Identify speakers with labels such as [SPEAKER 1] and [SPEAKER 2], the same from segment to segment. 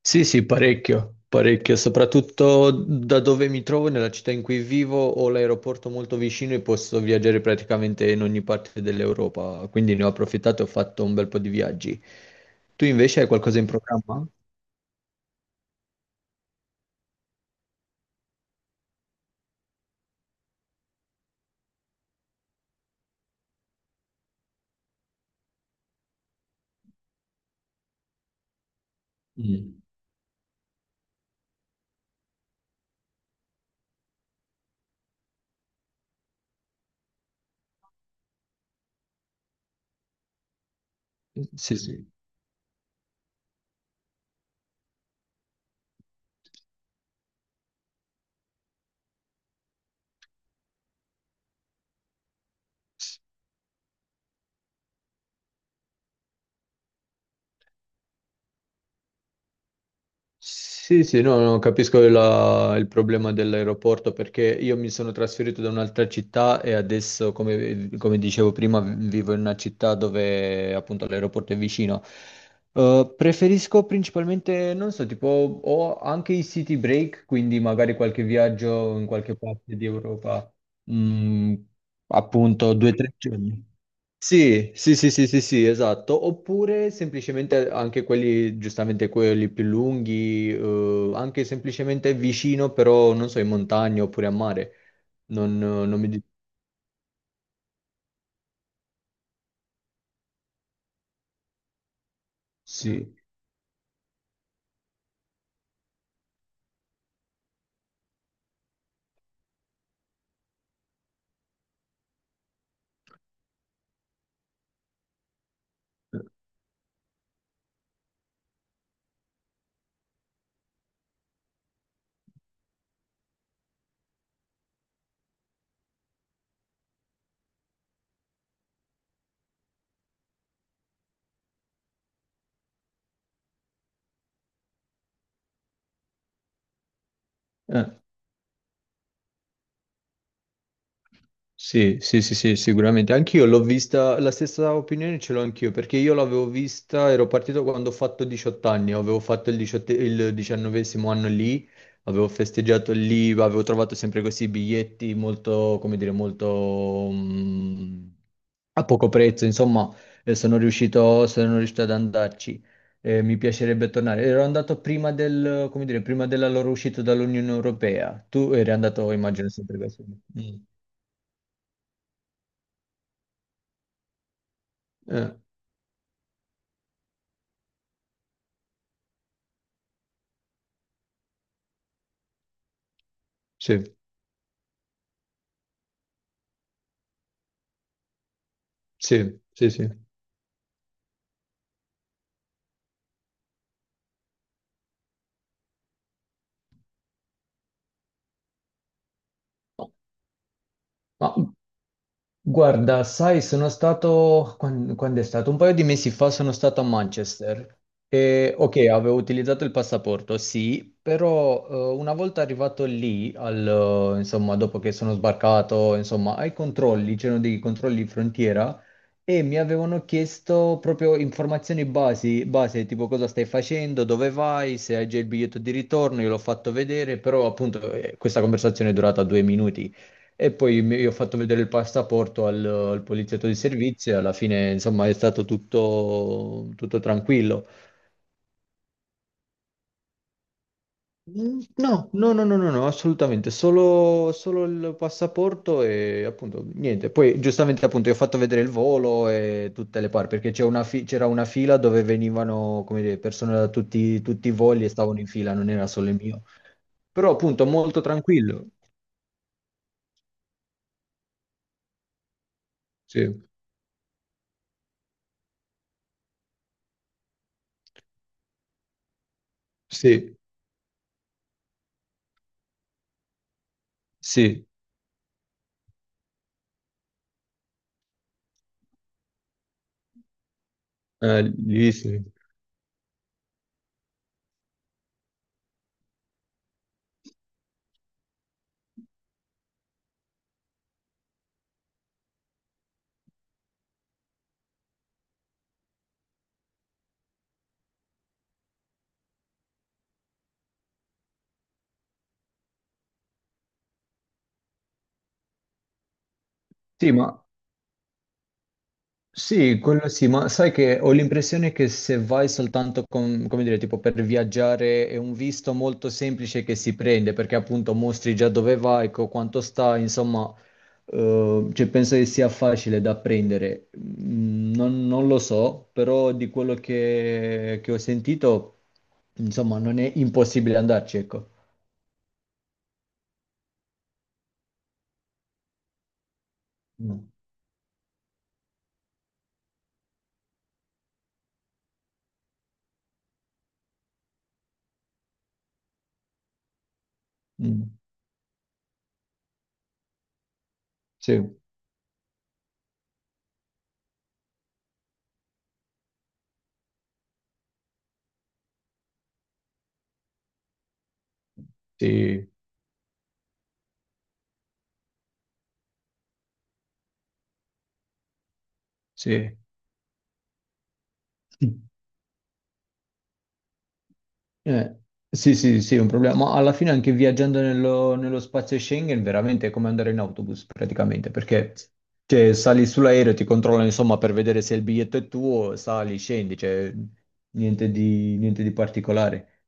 [SPEAKER 1] Sì, sì, parecchio, parecchio, soprattutto da dove mi trovo, nella città in cui vivo, ho l'aeroporto molto vicino e posso viaggiare praticamente in ogni parte dell'Europa, quindi ne ho approfittato e ho fatto un bel po' di viaggi. Tu invece hai qualcosa in programma? Mm. Sì, sì. Sì, sì, no, no, capisco il problema dell'aeroporto perché io mi sono trasferito da un'altra città e adesso, come dicevo prima, vivo in una città dove appunto l'aeroporto è vicino. Preferisco principalmente, non so, tipo ho anche i city break, quindi magari qualche viaggio in qualche parte di Europa, mm, appunto 2 o 3 giorni. Sì, sì, sì, sì, sì, sì, esatto. Oppure semplicemente anche quelli, giustamente quelli più lunghi, anche semplicemente vicino, però non so, in montagna oppure a mare. Non mi dico. Sì. Eh, Sì, sì, sì, sì, sicuramente. Anch'io l'ho vista, la stessa opinione ce l'ho anch'io, perché io l'avevo vista, ero partito quando ho fatto 18 anni, avevo fatto 18 il 19º anno lì, avevo festeggiato lì, avevo trovato sempre questi biglietti molto, come dire, molto a poco prezzo, insomma, sono riuscito ad andarci. Mi piacerebbe tornare. Ero andato come dire, prima della loro uscita dall'Unione Europea. Tu eri andato, immagino, sempre da solo. Mm. Eh. Sì, sì, sì, sì. No. Guarda, sai, sono stato, quando, è stato? Un paio di mesi fa sono stato a Manchester e ok, avevo utilizzato il passaporto, sì, però una volta arrivato lì, insomma, dopo che sono sbarcato, insomma, ai controlli, c'erano dei controlli di frontiera e mi avevano chiesto proprio informazioni base, tipo cosa stai facendo, dove vai, se hai già il biglietto di ritorno, io l'ho fatto vedere, però appunto questa conversazione è durata 2 minuti. E poi io ho fatto vedere il passaporto al poliziotto di servizio e alla fine, insomma, è stato tutto, tranquillo. No, no, no, no, no, no, assolutamente, solo il passaporto e appunto niente. Poi giustamente appunto io ho fatto vedere il volo e tutte le parti, perché c'era una fila dove venivano, come dire, persone da tutti i voli e stavano in fila, non era solo il mio. Però appunto molto tranquillo. Sì, sì, sì, lì sì. Sì, ma Sì, quello sì, ma sai che ho l'impressione che se vai soltanto con, come dire, tipo per viaggiare è un visto molto semplice che si prende, perché appunto mostri già dove vai, quanto stai, insomma, cioè penso che sia facile da prendere. Non lo so, però di quello che ho sentito, insomma, non è impossibile andarci, ecco. Mm. Mm. Sì, sì, sì. Eh, sì, sì, sì, è un problema. Ma alla fine anche viaggiando nello spazio Schengen veramente è come andare in autobus praticamente, perché cioè, sali sull'aereo, ti controllano insomma per vedere se il biglietto è tuo, sali, scendi, cioè niente di particolare.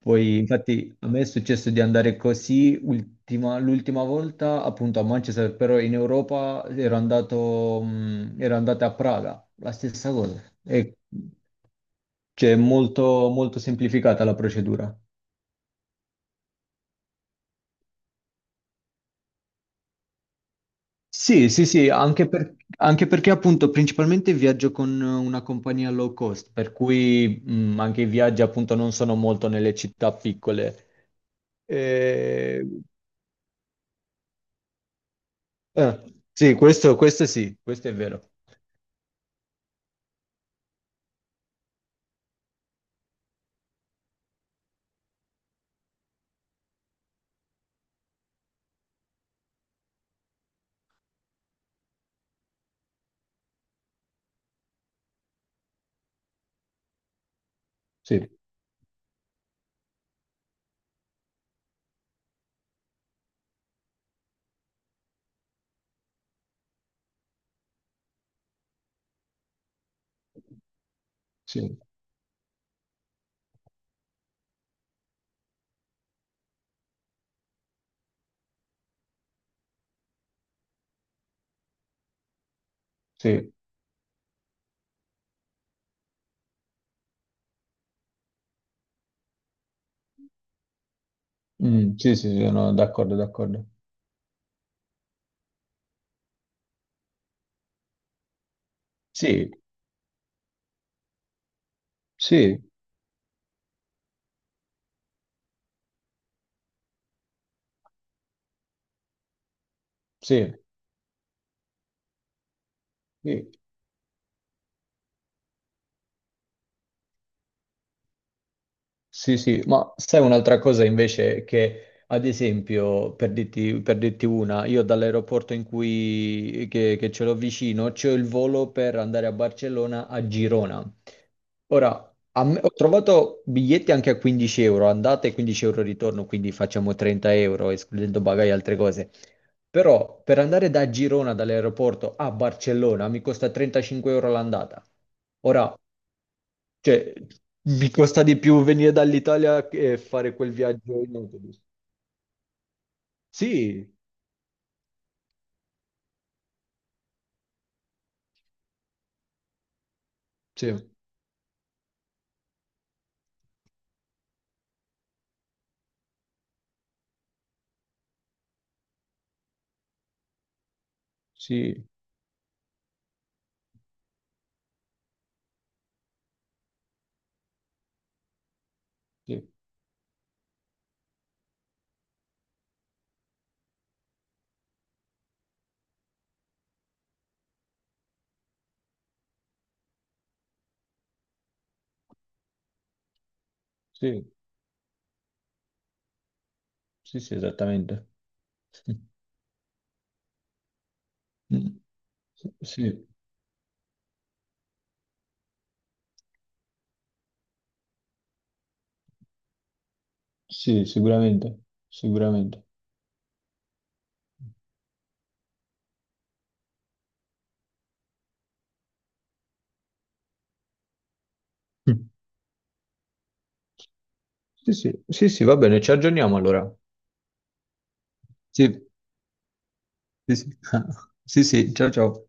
[SPEAKER 1] Poi infatti a me è successo di andare così l'ultima volta appunto a Manchester, però in Europa ero andato a Praga, la stessa cosa. E, cioè, è molto molto semplificata la procedura. Sì, sì, sì, anche, anche perché appunto principalmente viaggio con una compagnia low cost, per cui anche i viaggi appunto non sono molto nelle città piccole. Eh, eh, sì, questo sì, questo è vero. Sì, sì, sì, Mm, sì, sì, sono d'accordo, d'accordo. Sì, sì, sì, sì. Sì, sì, ma sai un'altra cosa invece che, ad esempio, per dirti, una, io dall'aeroporto in cui che ce l'ho vicino, c'ho il volo per andare a Barcellona a Girona. Ora, ho trovato biglietti anche a 15 euro, andate e 15 euro ritorno, quindi facciamo 30 euro, escludendo bagagli e altre cose. Però per andare da Girona, dall'aeroporto a Barcellona, mi costa 35 euro l'andata. Ora, cioè, mi costa di più venire dall'Italia che fare quel viaggio in autobus. Sì, sì, sì, sì, sì, sì, sì, esattamente. Mm. Sì, sì, sicuramente, sicuramente. Mm. Sì, sì, sì, sì, va bene, ci aggiorniamo allora. Sì, sì, sì. Sì, sì, ciao, ciao.